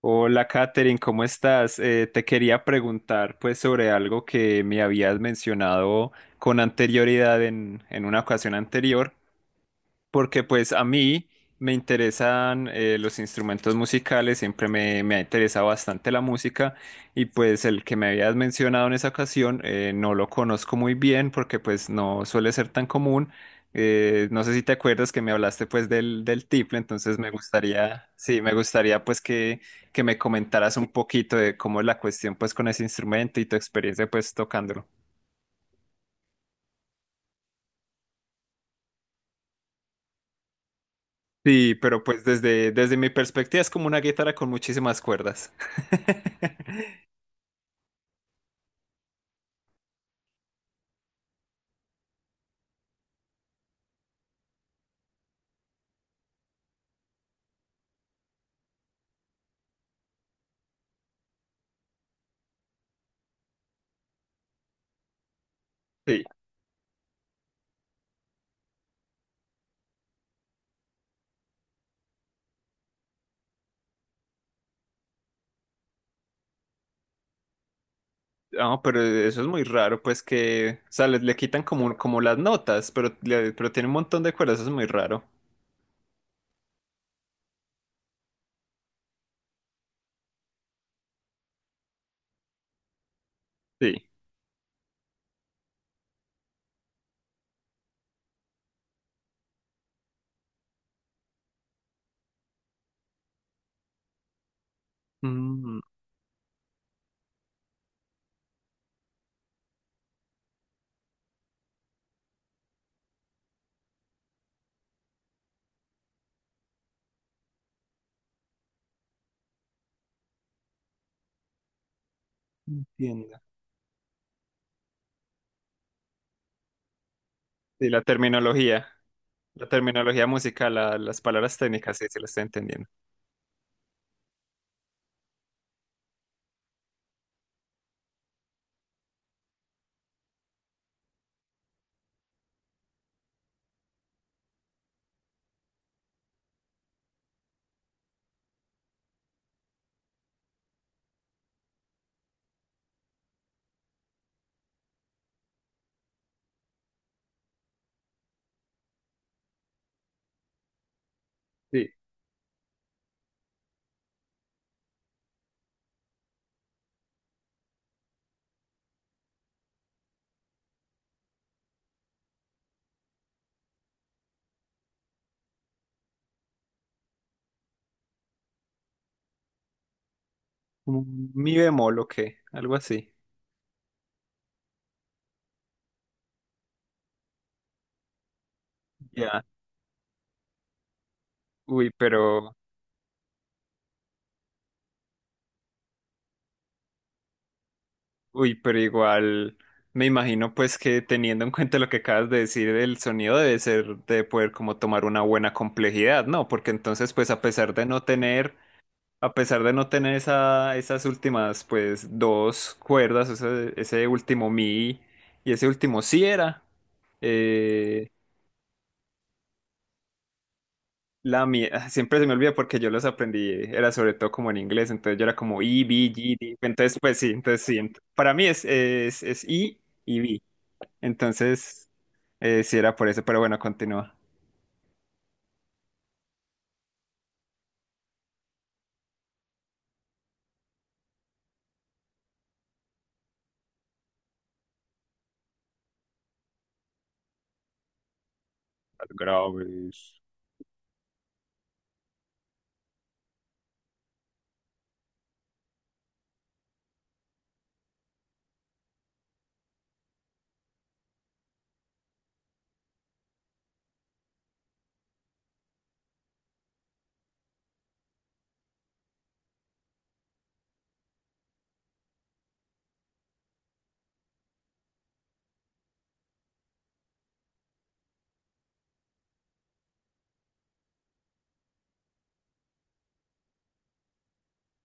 Hola, Katherine, ¿cómo estás? Te quería preguntar pues sobre algo que me habías mencionado con anterioridad en una ocasión anterior, porque pues a mí me interesan los instrumentos musicales. Siempre me ha interesado bastante la música, y pues el que me habías mencionado en esa ocasión no lo conozco muy bien porque pues no suele ser tan común. No sé si te acuerdas que me hablaste pues del tiple. Entonces me gustaría, sí, me gustaría pues que, me comentaras un poquito de cómo es la cuestión pues con ese instrumento y tu experiencia pues tocándolo. Sí, pero pues desde mi perspectiva es como una guitarra con muchísimas cuerdas. Sí, no, pero eso es muy raro, pues que, o sea, le quitan como, las notas, pero, pero tiene un montón de cuerdas. Eso es muy raro. Sí. Mm, Entiendo. Sí, la terminología musical, las palabras técnicas, sí, se las está entendiendo. Sí. Como un Mi bemol o qué, algo así. Ya. Uy, pero... Uy, pero igual me imagino pues que teniendo en cuenta lo que acabas de decir, el sonido debe ser de poder como tomar una buena complejidad, ¿no? Porque entonces pues a pesar de no tener, esas últimas pues dos cuerdas, ese último mi y ese último si era, eh, la mi, ah, siempre se me olvida porque yo los aprendí, era sobre todo como en inglés. Entonces yo era como I, B, G, D. Entonces pues sí, entonces sí, para mí es, es I y B. Entonces, sí era por eso, pero bueno, continúa. Graves.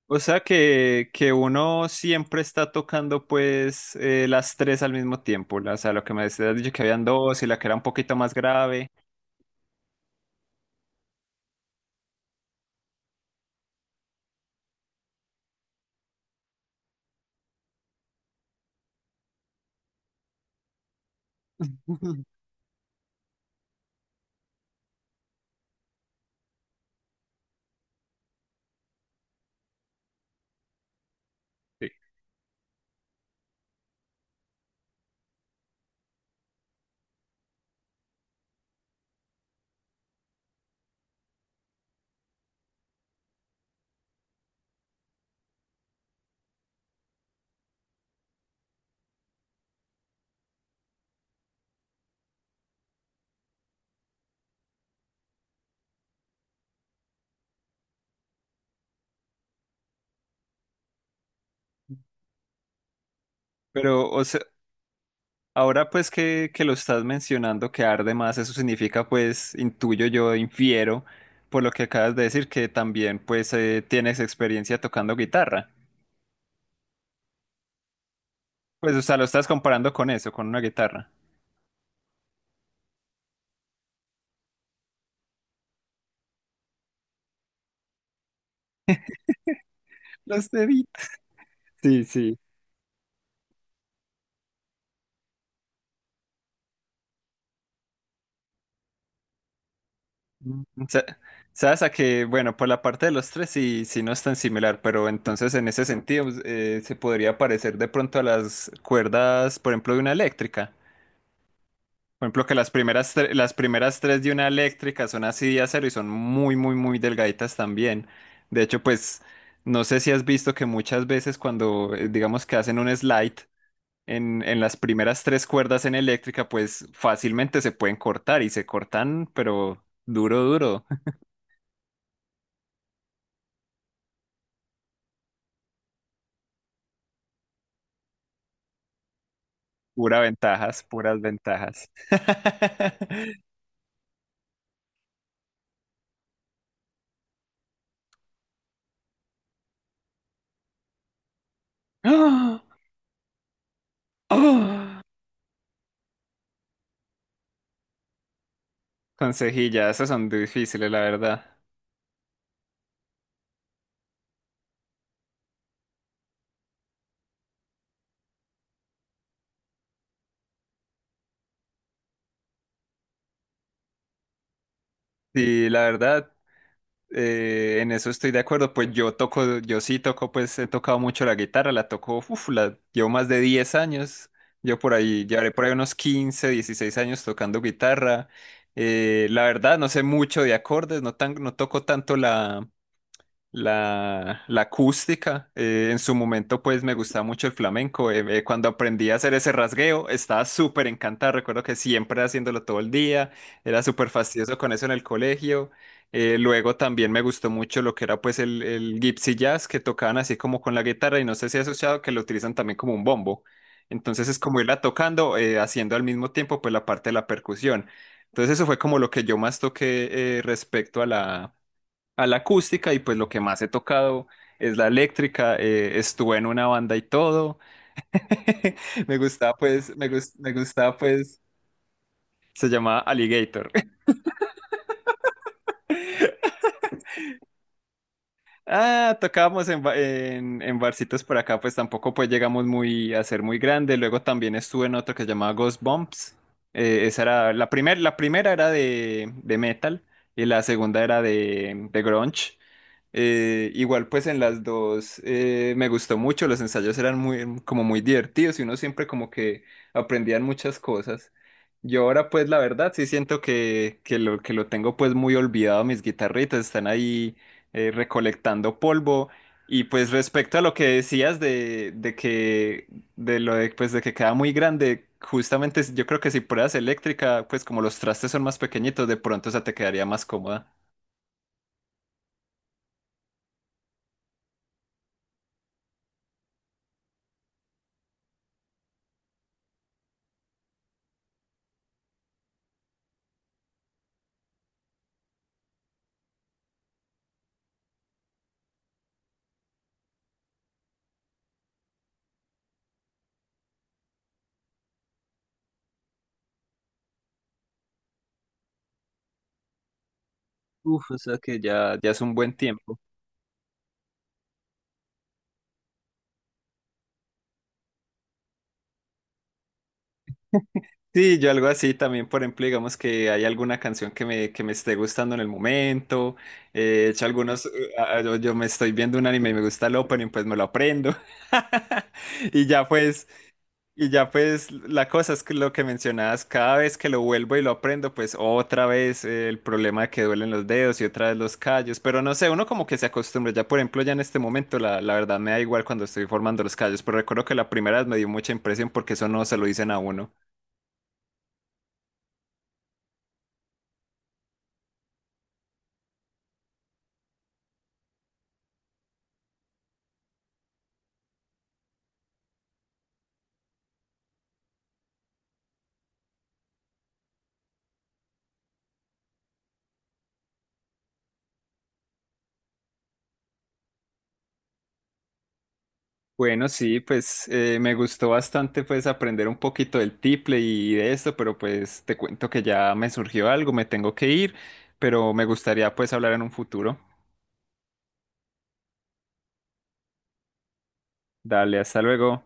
O sea que, uno siempre está tocando pues las tres al mismo tiempo. O sea, lo que me decías dicho que habían dos y la que era un poquito más grave. Sí. Pero o sea, ahora pues que lo estás mencionando que arde más, eso significa pues, intuyo yo, infiero, por lo que acabas de decir, que también pues tienes experiencia tocando guitarra. Pues o sea, lo estás comparando con eso, con una guitarra. Los de Sí, sí. Mm. Sabes a que, bueno, por la parte de los tres sí, sí no es tan similar, pero entonces en ese sentido pues, se podría parecer de pronto a las cuerdas, por ejemplo, de una eléctrica. Por ejemplo, que las primeras, las primeras tres de una eléctrica son así de acero y son muy, muy, muy delgaditas también. De hecho, pues, no sé si has visto que muchas veces cuando, digamos que hacen un slide en las primeras tres cuerdas en eléctrica, pues fácilmente se pueden cortar y se cortan, pero duro, duro. Pura ventajas, puras ventajas. ¡Ah! ¡Ah! Consejillas, esas son difíciles, la verdad. Sí, la verdad, en eso estoy de acuerdo. Pues yo sí toco, pues he tocado mucho la guitarra, la toco, uf, la llevo más de 10 años. Yo por ahí, llevaré por ahí unos 15, 16 años tocando guitarra. La verdad, no sé mucho de acordes, no toco tanto la, la acústica. En su momento, pues me gustaba mucho el flamenco. Cuando aprendí a hacer ese rasgueo, estaba súper encantado. Recuerdo que siempre haciéndolo todo el día, era súper fastidioso con eso en el colegio. Luego también me gustó mucho lo que era pues el gypsy jazz, que tocaban así como con la guitarra, y no sé si has asociado que lo utilizan también como un bombo. Entonces es como irla tocando, haciendo al mismo tiempo pues la parte de la percusión. Entonces eso fue como lo que yo más toqué respecto a la, acústica, y pues lo que más he tocado es la eléctrica. Estuve en una banda y todo. Me gustaba pues, me gustaba pues, se llamaba Alligator. Ah, tocábamos en, en barcitos por acá. Pues tampoco pues llegamos muy a ser muy grande. Luego también estuve en otro que se llamaba Ghost Bumps. Esa era la primera, era de metal, y la segunda era de grunge. Igual pues en las dos me gustó mucho. Los ensayos eran muy como muy divertidos y uno siempre como que aprendían muchas cosas. Yo ahora pues la verdad sí siento que, que lo tengo pues muy olvidado. Mis guitarritas están ahí recolectando polvo. Y pues respecto a lo que decías de que de lo de, pues, de que queda muy grande, justamente yo creo que si pruebas eléctrica, pues como los trastes son más pequeñitos, de pronto esa te quedaría más cómoda. Uf, o sea que ya es un buen tiempo. Sí, yo algo así también. Por ejemplo, digamos que hay alguna canción que me, esté gustando en el momento, he hecho algunos, yo me estoy viendo un anime y me gusta el opening, pues me lo aprendo. Y ya pues, la cosa es que lo que mencionabas, cada vez que lo vuelvo y lo aprendo, pues otra vez el problema de que duelen los dedos y otra vez los callos, pero no sé, uno como que se acostumbra. Ya por ejemplo, ya en este momento la, verdad me da igual cuando estoy formando los callos, pero recuerdo que la primera vez me dio mucha impresión porque eso no se lo dicen a uno. Bueno, sí, pues me gustó bastante pues aprender un poquito del tiple y de esto, pero pues te cuento que ya me surgió algo, me tengo que ir, pero me gustaría pues hablar en un futuro. Dale, hasta luego.